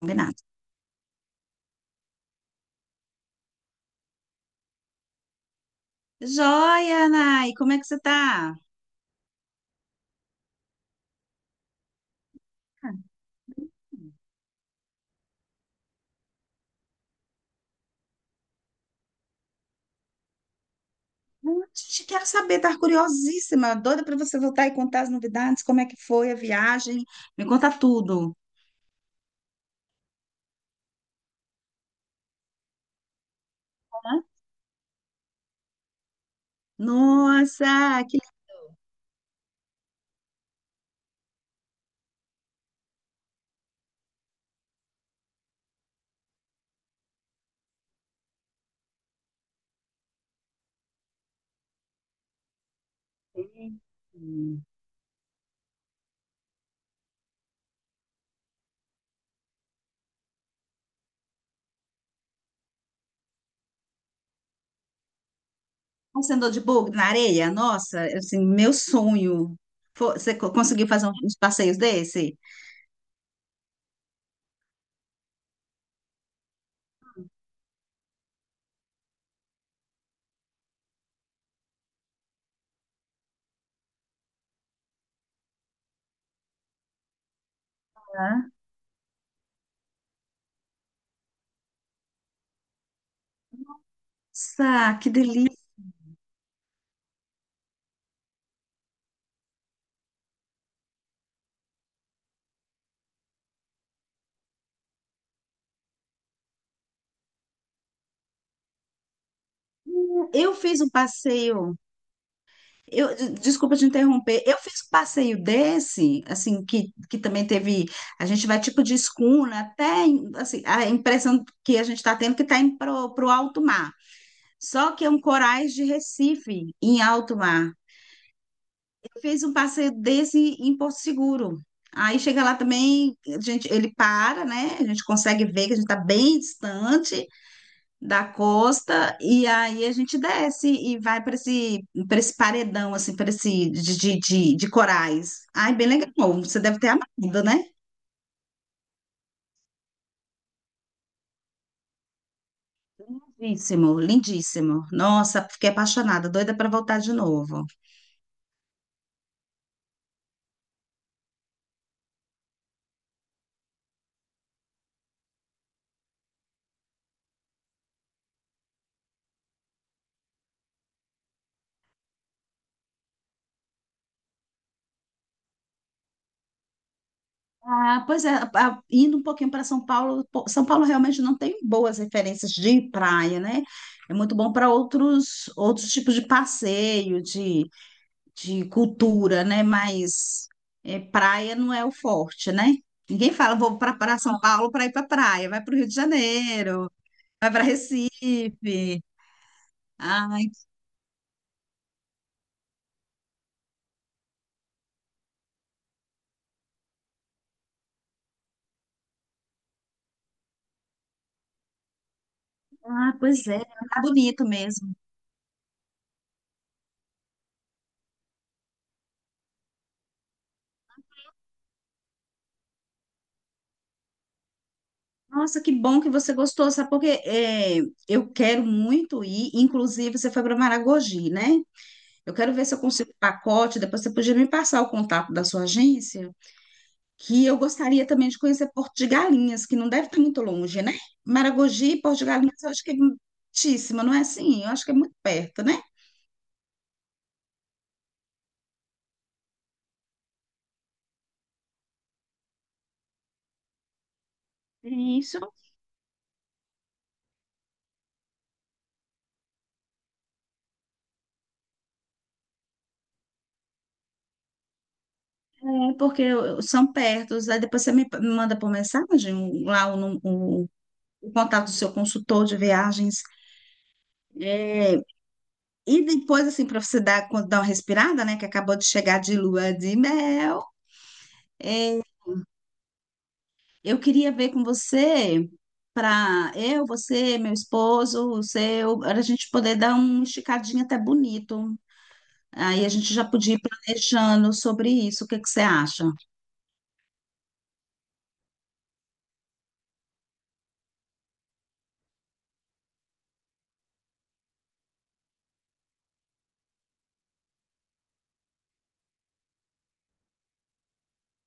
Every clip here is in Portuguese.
Combinado. Joia, Nai, como é que você tá? Ah, te quero saber, tá curiosíssima, doida para você voltar e contar as novidades, como é que foi a viagem, me conta tudo. Hã? Nossa, que lindo. Você andou de bug na areia? Nossa, assim, meu sonho. Você conseguiu fazer uns passeios desse? Hã? Nossa, que delícia. Eu fiz um passeio. Eu, desculpa te interromper. Eu fiz um passeio desse, assim, que também teve. A gente vai tipo de escuna, até assim, a impressão que a gente está tendo é que está indo para o alto mar. Só que é um corais de Recife, em alto mar. Eu fiz um passeio desse em Porto Seguro. Aí chega lá também, a gente, ele para, né? A gente consegue ver que a gente está bem distante da costa e aí a gente desce e vai para esse paredão, assim, para esse de corais. Ai, bem legal. Você deve ter amado, né? Lindíssimo, lindíssimo. Nossa, fiquei apaixonada, doida para voltar de novo. Ah, pois é, indo um pouquinho para São Paulo, pô, São Paulo realmente não tem boas referências de praia, né? É muito bom para outros outros tipos de passeio, de cultura, né? Mas é, praia não é o forte, né? Ninguém fala, vou para São Paulo para ir para praia, vai para o Rio de Janeiro, vai para Recife. Ai, ah, pois é, tá bonito mesmo. Nossa, que bom que você gostou, sabe? Porque é, eu quero muito ir, inclusive você foi para Maragogi, né? Eu quero ver se eu consigo o pacote, depois você podia me passar o contato da sua agência. Que eu gostaria também de conhecer Porto de Galinhas, que não deve estar muito longe, né? Maragogi e Porto de Galinhas, eu acho que é muitíssimo, não é assim? Eu acho que é muito perto, né? Isso. É porque são perto, aí depois você me manda por mensagem lá o, o contato do seu consultor de viagens. É, e depois, assim, para você dar, dar uma respirada, né? Que acabou de chegar de lua de mel. Eu queria ver com você, para eu, você, meu esposo, o seu, para a gente poder dar um esticadinho até bonito. Aí a gente já podia ir planejando sobre isso. O que que você acha?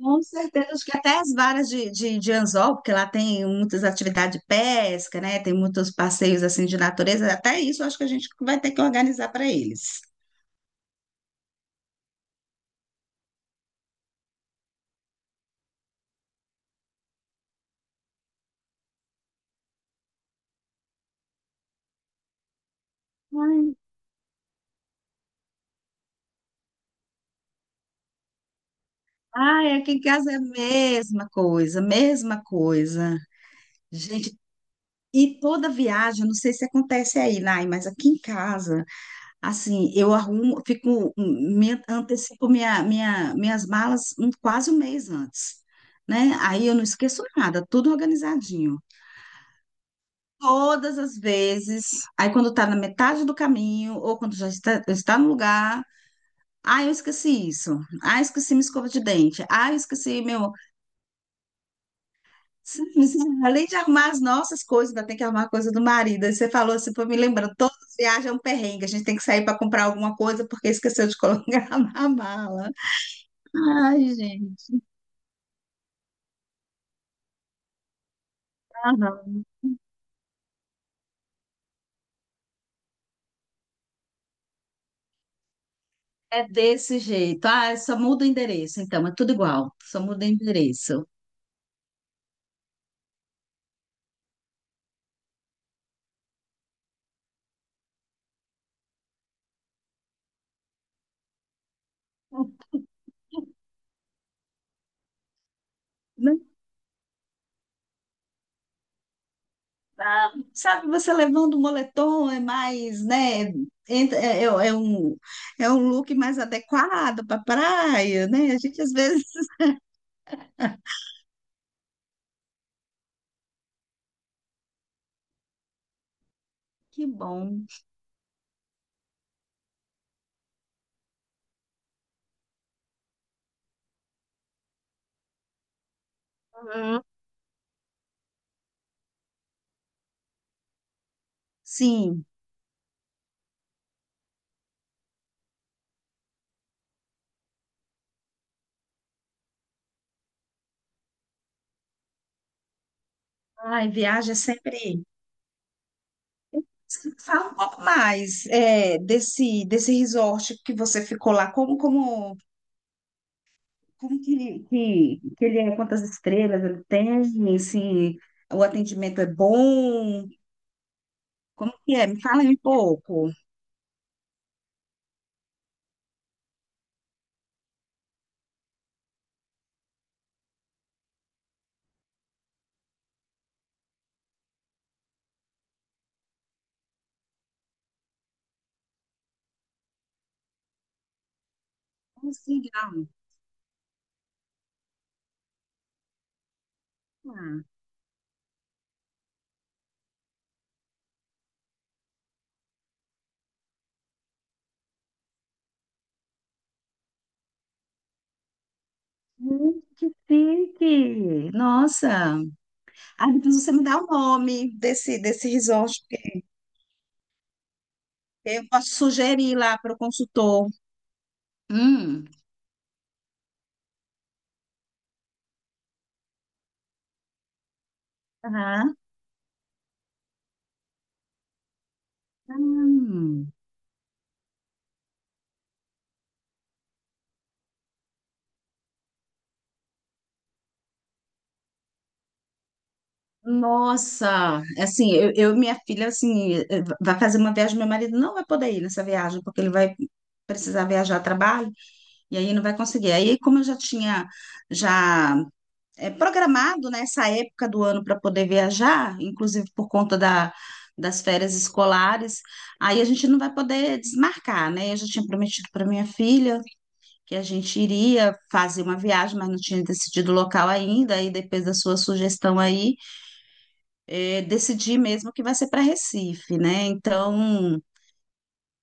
Com certeza, acho que até as varas de anzol, porque lá tem muitas atividades de pesca, né? Tem muitos passeios assim de natureza. Até isso acho que a gente vai ter que organizar para eles. Ai, ai, aqui em casa é a mesma coisa, mesma coisa. Gente, e toda viagem, não sei se acontece aí, Nay, mas aqui em casa, assim, eu arrumo, fico, me, antecipo minhas malas quase um mês antes, né? Aí eu não esqueço nada, tudo organizadinho. Todas as vezes, aí quando tá na metade do caminho, ou quando já está no lugar, ah, eu esqueci isso, ah, eu esqueci minha escova de dente, ah, eu esqueci meu, sim, sim. Além de arrumar as nossas coisas, ainda tem que arrumar a coisa do marido. Aí você falou assim, foi me lembrando, todas as viagens é um perrengue, a gente tem que sair para comprar alguma coisa porque esqueceu de colocar na mala. Ai, gente, não, não. É desse jeito. Ah, só muda o endereço, então, é tudo igual, só muda o endereço. Não, ah, sabe, você levando o moletom é mais, né? entra- É, é- é um, é um look mais adequado para praia, né? A gente às vezes. Que bom. Uhum. Sim. Ai, viagem é sempre. Fala um pouco mais é, desse resort que você ficou lá. Como, como, como que ele é? Quantas estrelas ele tem? Se o atendimento é bom? Como que é? Me fala aí um pouco. Assim, legal. Ah, que chique! Nossa! Ah, depois você me dá o nome desse resort. Eu posso sugerir lá para o consultor. Hum. Aham. Hum. Nossa, assim, eu e minha filha, assim, vai fazer uma viagem, meu marido não vai poder ir nessa viagem, porque ele vai precisar viajar a trabalho, e aí não vai conseguir. Aí, como eu já tinha, já programado, né, essa época do ano para poder viajar, inclusive por conta da, das férias escolares, aí a gente não vai poder desmarcar, né? Eu já tinha prometido para minha filha que a gente iria fazer uma viagem, mas não tinha decidido o local ainda, aí depois da sua sugestão aí, é, decidir mesmo que vai ser para Recife, né? Então,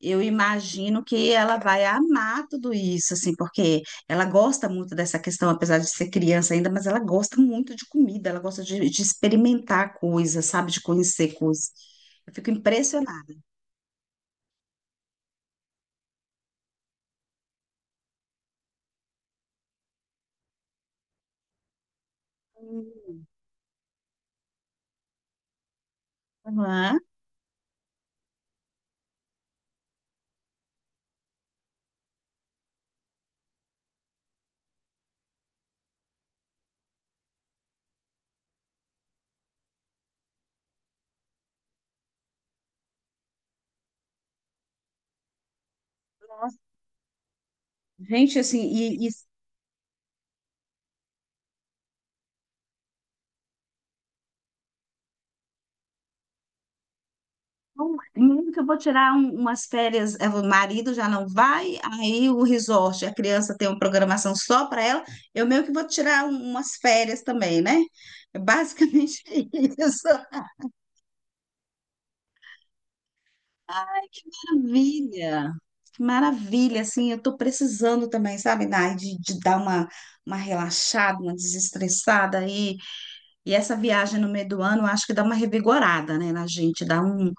eu imagino que ela vai amar tudo isso, assim, porque ela gosta muito dessa questão, apesar de ser criança ainda, mas ela gosta muito de comida, ela gosta de experimentar coisas, sabe? De conhecer coisas. Eu fico impressionada. Aham. Gente, assim, e, bom, mesmo que eu vou tirar umas férias, é, o marido já não vai, aí o resort, a criança tem uma programação só para ela, eu meio que vou tirar umas férias também, né? É basicamente isso. Que maravilha! Que maravilha, assim, eu tô precisando também, sabe, Nai, de dar uma relaxada, uma desestressada aí. E essa viagem no meio do ano, eu acho que dá uma revigorada, né, na gente, dá um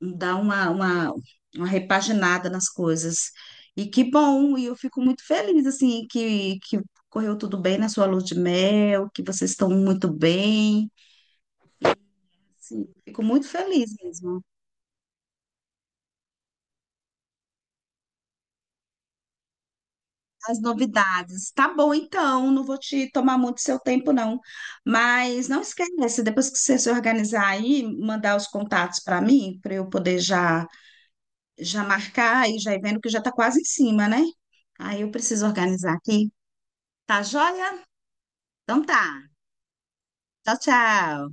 dar uma repaginada nas coisas. E que bom, e eu fico muito feliz, assim, que correu tudo bem na sua lua de mel, que vocês estão muito bem. Assim, fico muito feliz mesmo. As novidades. Tá bom, então, não vou te tomar muito seu tempo, não. Mas não esquece, depois que você se organizar aí, mandar os contatos para mim, para eu poder já, já marcar e já ir vendo que já tá quase em cima, né? Aí eu preciso organizar aqui. Tá joia? Então tá. Tchau, tchau.